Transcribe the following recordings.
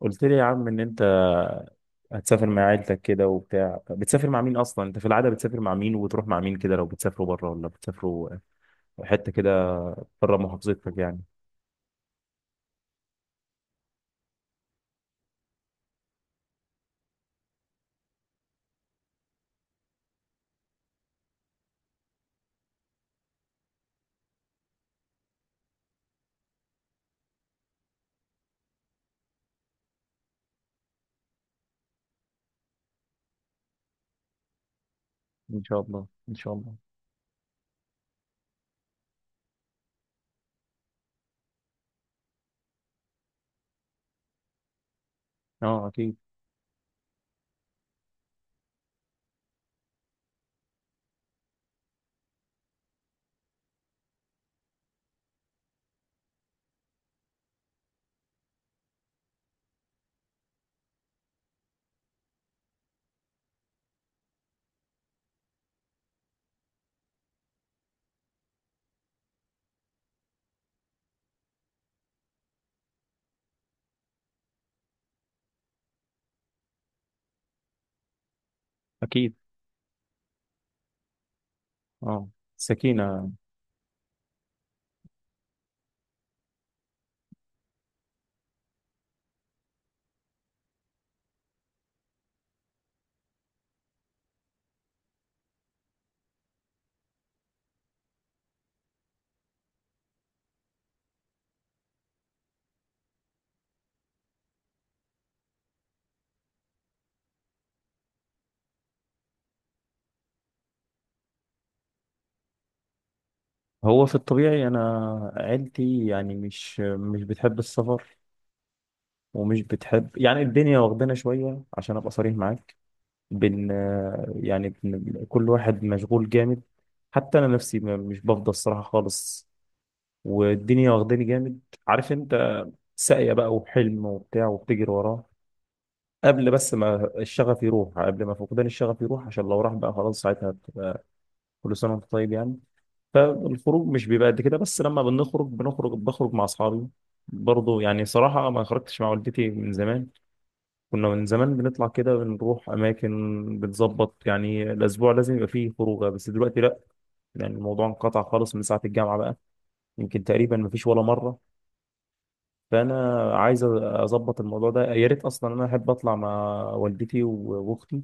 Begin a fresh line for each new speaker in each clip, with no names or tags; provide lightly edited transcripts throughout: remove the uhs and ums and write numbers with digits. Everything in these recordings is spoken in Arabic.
قلت لي يا عم ان انت هتسافر مع عيلتك كده وبتاع. بتسافر مع مين اصلا؟ انت في العاده بتسافر مع مين وبتروح مع مين كده؟ لو بتسافروا بره ولا بتسافروا حته كده بره محافظتك يعني. ان شاء الله ان شاء الله. اه اكيد. اكيد. اه. سكينه. هو في الطبيعي انا عيلتي يعني مش بتحب السفر ومش بتحب يعني. الدنيا واخدانا شويه عشان ابقى صريح معاك. بن يعني كل واحد مشغول جامد. حتى انا نفسي مش بفضى الصراحه خالص والدنيا واخداني جامد. عارف انت، ساقيه بقى وحلم وبتاع وبتجري وراه قبل ما فقدان الشغف يروح، عشان لو راح بقى خلاص ساعتها. كل سنه وانت طيب يعني. فالخروج مش بيبقى قد كده، بس لما بنخرج بخرج مع اصحابي برضه. يعني صراحه ما خرجتش مع والدتي من زمان. كنا من زمان بنطلع كده، بنروح أماكن بتظبط، يعني الأسبوع لازم يبقى فيه خروجة، بس دلوقتي لأ. يعني الموضوع انقطع خالص من ساعة الجامعة بقى. يمكن تقريبا مفيش ولا مرة. فأنا عايز أظبط الموضوع ده. يا ريت أصلا، أنا أحب أطلع مع والدتي وأختي،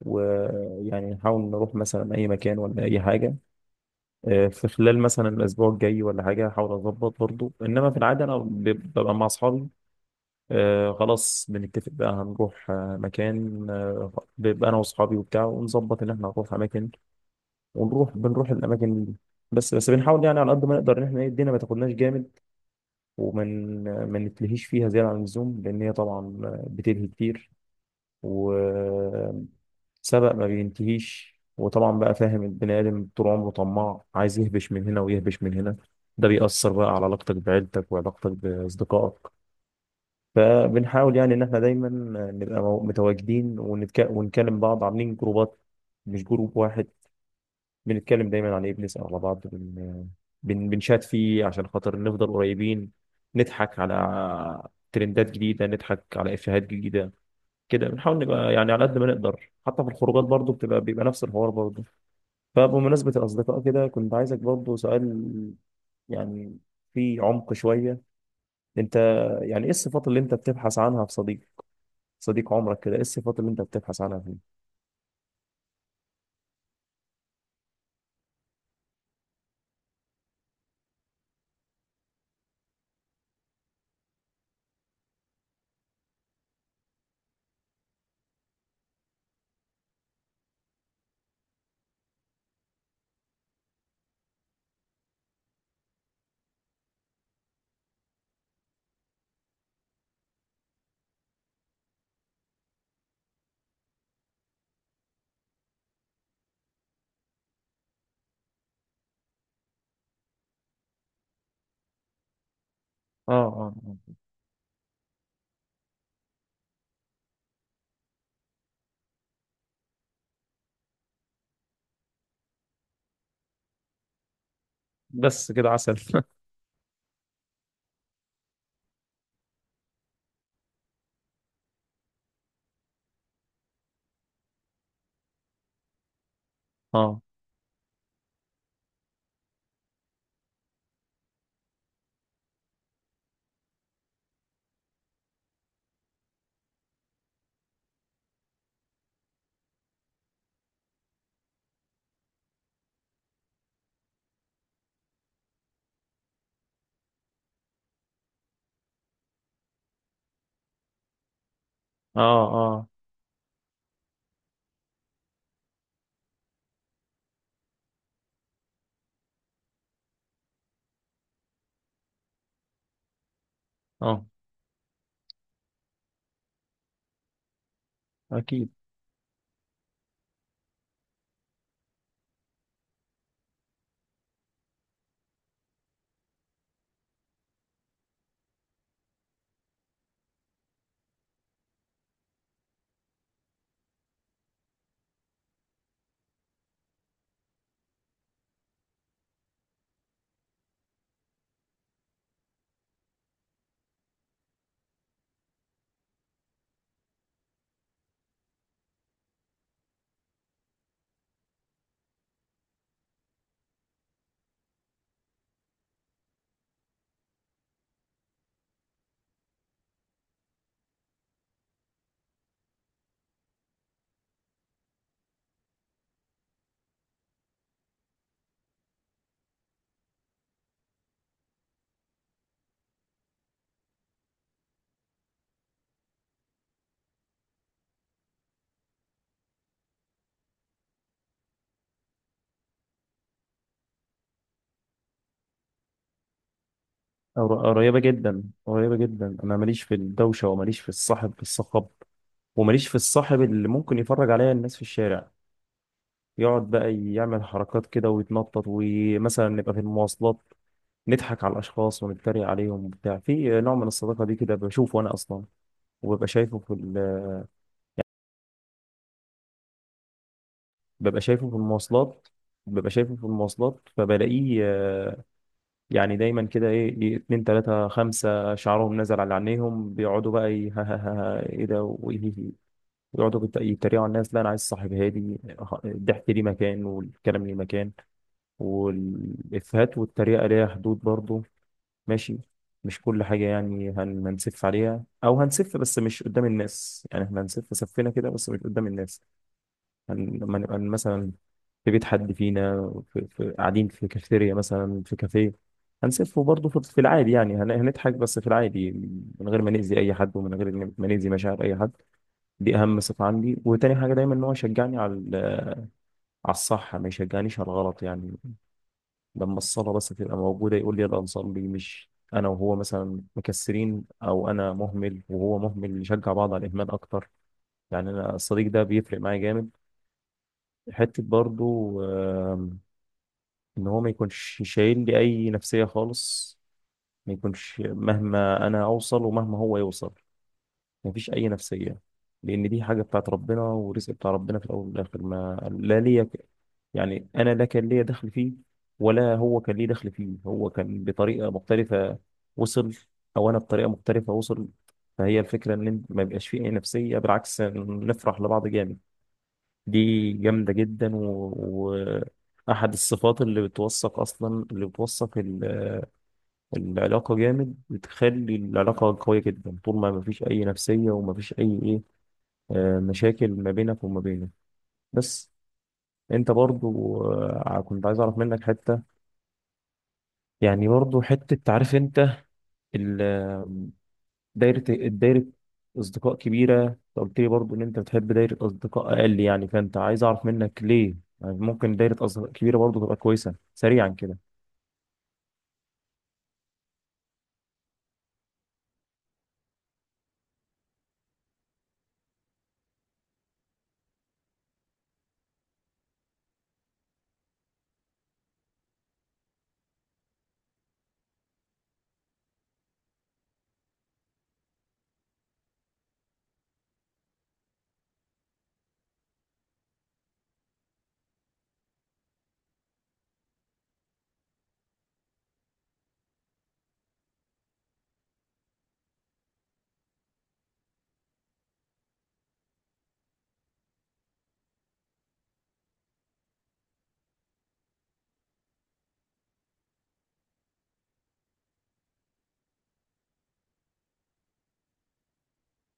ويعني نحاول نروح مثلا أي مكان ولا أي حاجة، في خلال مثلا الأسبوع الجاي ولا حاجة. أحاول أظبط برضه. إنما في العادة أنا ببقى مع أصحابي. آه خلاص، بنتفق بقى هنروح آه مكان آه، بيبقى انا واصحابي وبتاع، ونظبط ان احنا هنروح اماكن ونروح، بنروح الاماكن دي. بس بنحاول يعني على قد ما نقدر ان احنا إيه، الدنيا ما تاخدناش جامد، ومن ما نتلهيش فيها زياده عن اللزوم، لان هي طبعا بتلهي كتير وسبق ما بينتهيش. وطبعا بقى فاهم، البني ادم طول عمره طماع، عايز يهبش من هنا ويهبش من هنا. ده بيأثر بقى على علاقتك بعيلتك وعلاقتك بأصدقائك. فبنحاول يعني ان احنا دايما نبقى متواجدين ونكلم بعض، عاملين جروبات مش جروب واحد. بنتكلم دايما عن ايه، بنسأل على بعض، بنشات فيه عشان خاطر نفضل قريبين، نضحك على ترندات جديدة، نضحك على إفيهات جديدة. كده بنحاول نبقى يعني على قد ما نقدر. حتى في الخروجات برضو بيبقى نفس الحوار برضو. فبمناسبة الأصدقاء كده كنت عايزك برضو سؤال، يعني في عمق شوية. انت يعني ايه الصفات اللي انت بتبحث عنها في صديق؟ صديق عمرك كده، ايه الصفات اللي انت بتبحث عنها فيه؟ اه. اه. آه. بس كده عسل اه. اه. اه. اه اكيد. قريبة جدا، قريبة جدا. انا ماليش في الدوشة، وماليش في الصاحب الصخب، وماليش في الصاحب اللي ممكن يفرج عليا الناس في الشارع، يقعد بقى يعمل حركات كده ويتنطط، ومثلا نبقى في المواصلات نضحك على الاشخاص ونتريق عليهم وبتاع. في نوع من الصداقة دي كده بشوفه انا اصلا، وببقى شايفه في ببقى شايفه في المواصلات، ببقى شايفه في المواصلات فبلاقيه يعني دايما كده ايه، اتنين تلاتة خمسة شعرهم نزل على عينيهم، بيقعدوا بقى ها ها ها ها ايه ده ويقعدوا يتريقوا على الناس. لا انا عايز صاحب هادي. الضحك ليه مكان والكلام ليه مكان والافيهات والتريقة ليها حدود برضو، ماشي؟ مش كل حاجة يعني هنسف عليها، أو هنسف بس مش قدام الناس. يعني احنا هنسف سفينا كده بس مش قدام الناس. لما نبقى مثلا في بيت حد فينا، في قاعدين في كافيتيريا مثلا، في كافيه، هنسفه برضه في في العادي، يعني هنضحك بس في العادي، من غير ما نأذي أي حد، ومن غير ما نأذي مشاعر أي حد. دي أهم صفة عندي. وتاني حاجة دايما إن هو يشجعني على على الصح، ما يشجعنيش على الغلط يعني. لما الصلاة بس تبقى موجودة يقول لي يلا نصلي، مش أنا وهو مثلا مكسرين، أو أنا مهمل وهو مهمل نشجع بعض على الإهمال أكتر. يعني أنا الصديق ده بيفرق معايا جامد. حتة برضه، ان هو ما يكونش شايل لي اي نفسية خالص. ما يكونش مهما انا اوصل ومهما هو يوصل ما فيش اي نفسية، لان دي حاجة بتاعت ربنا ورزق بتاع ربنا في الاول والاخر. ما لا ليا يعني انا لا كان ليا دخل فيه، ولا هو كان ليه دخل فيه. هو كان بطريقه مختلفه وصل، او انا بطريقه مختلفه وصل. فهي الفكره ان ما يبقاش فيه اي نفسيه، بالعكس نفرح لبعض جامد. دي جامدة جدا وأحد الصفات اللي بتوثق أصلا، اللي بتوثق العلاقة جامد، بتخلي العلاقة قوية جدا طول ما مفيش أي نفسية ومفيش أي إيه، مشاكل ما بينك وما بينه بس. أنت برضو كنت عايز أعرف منك حتة، يعني برضو حتة تعرف أنت ال- الدايرة أصدقاء كبيرة. أنت قلت لي برضو إن أنت بتحب دايرة أصدقاء أقل يعني، فأنت عايز أعرف منك ليه يعني؟ ممكن دايرة أصدقاء كبيرة برضو تبقى كويسة سريعا كده.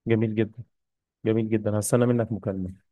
جميل جدا، جميل جدا. هستنى منك مكالمة.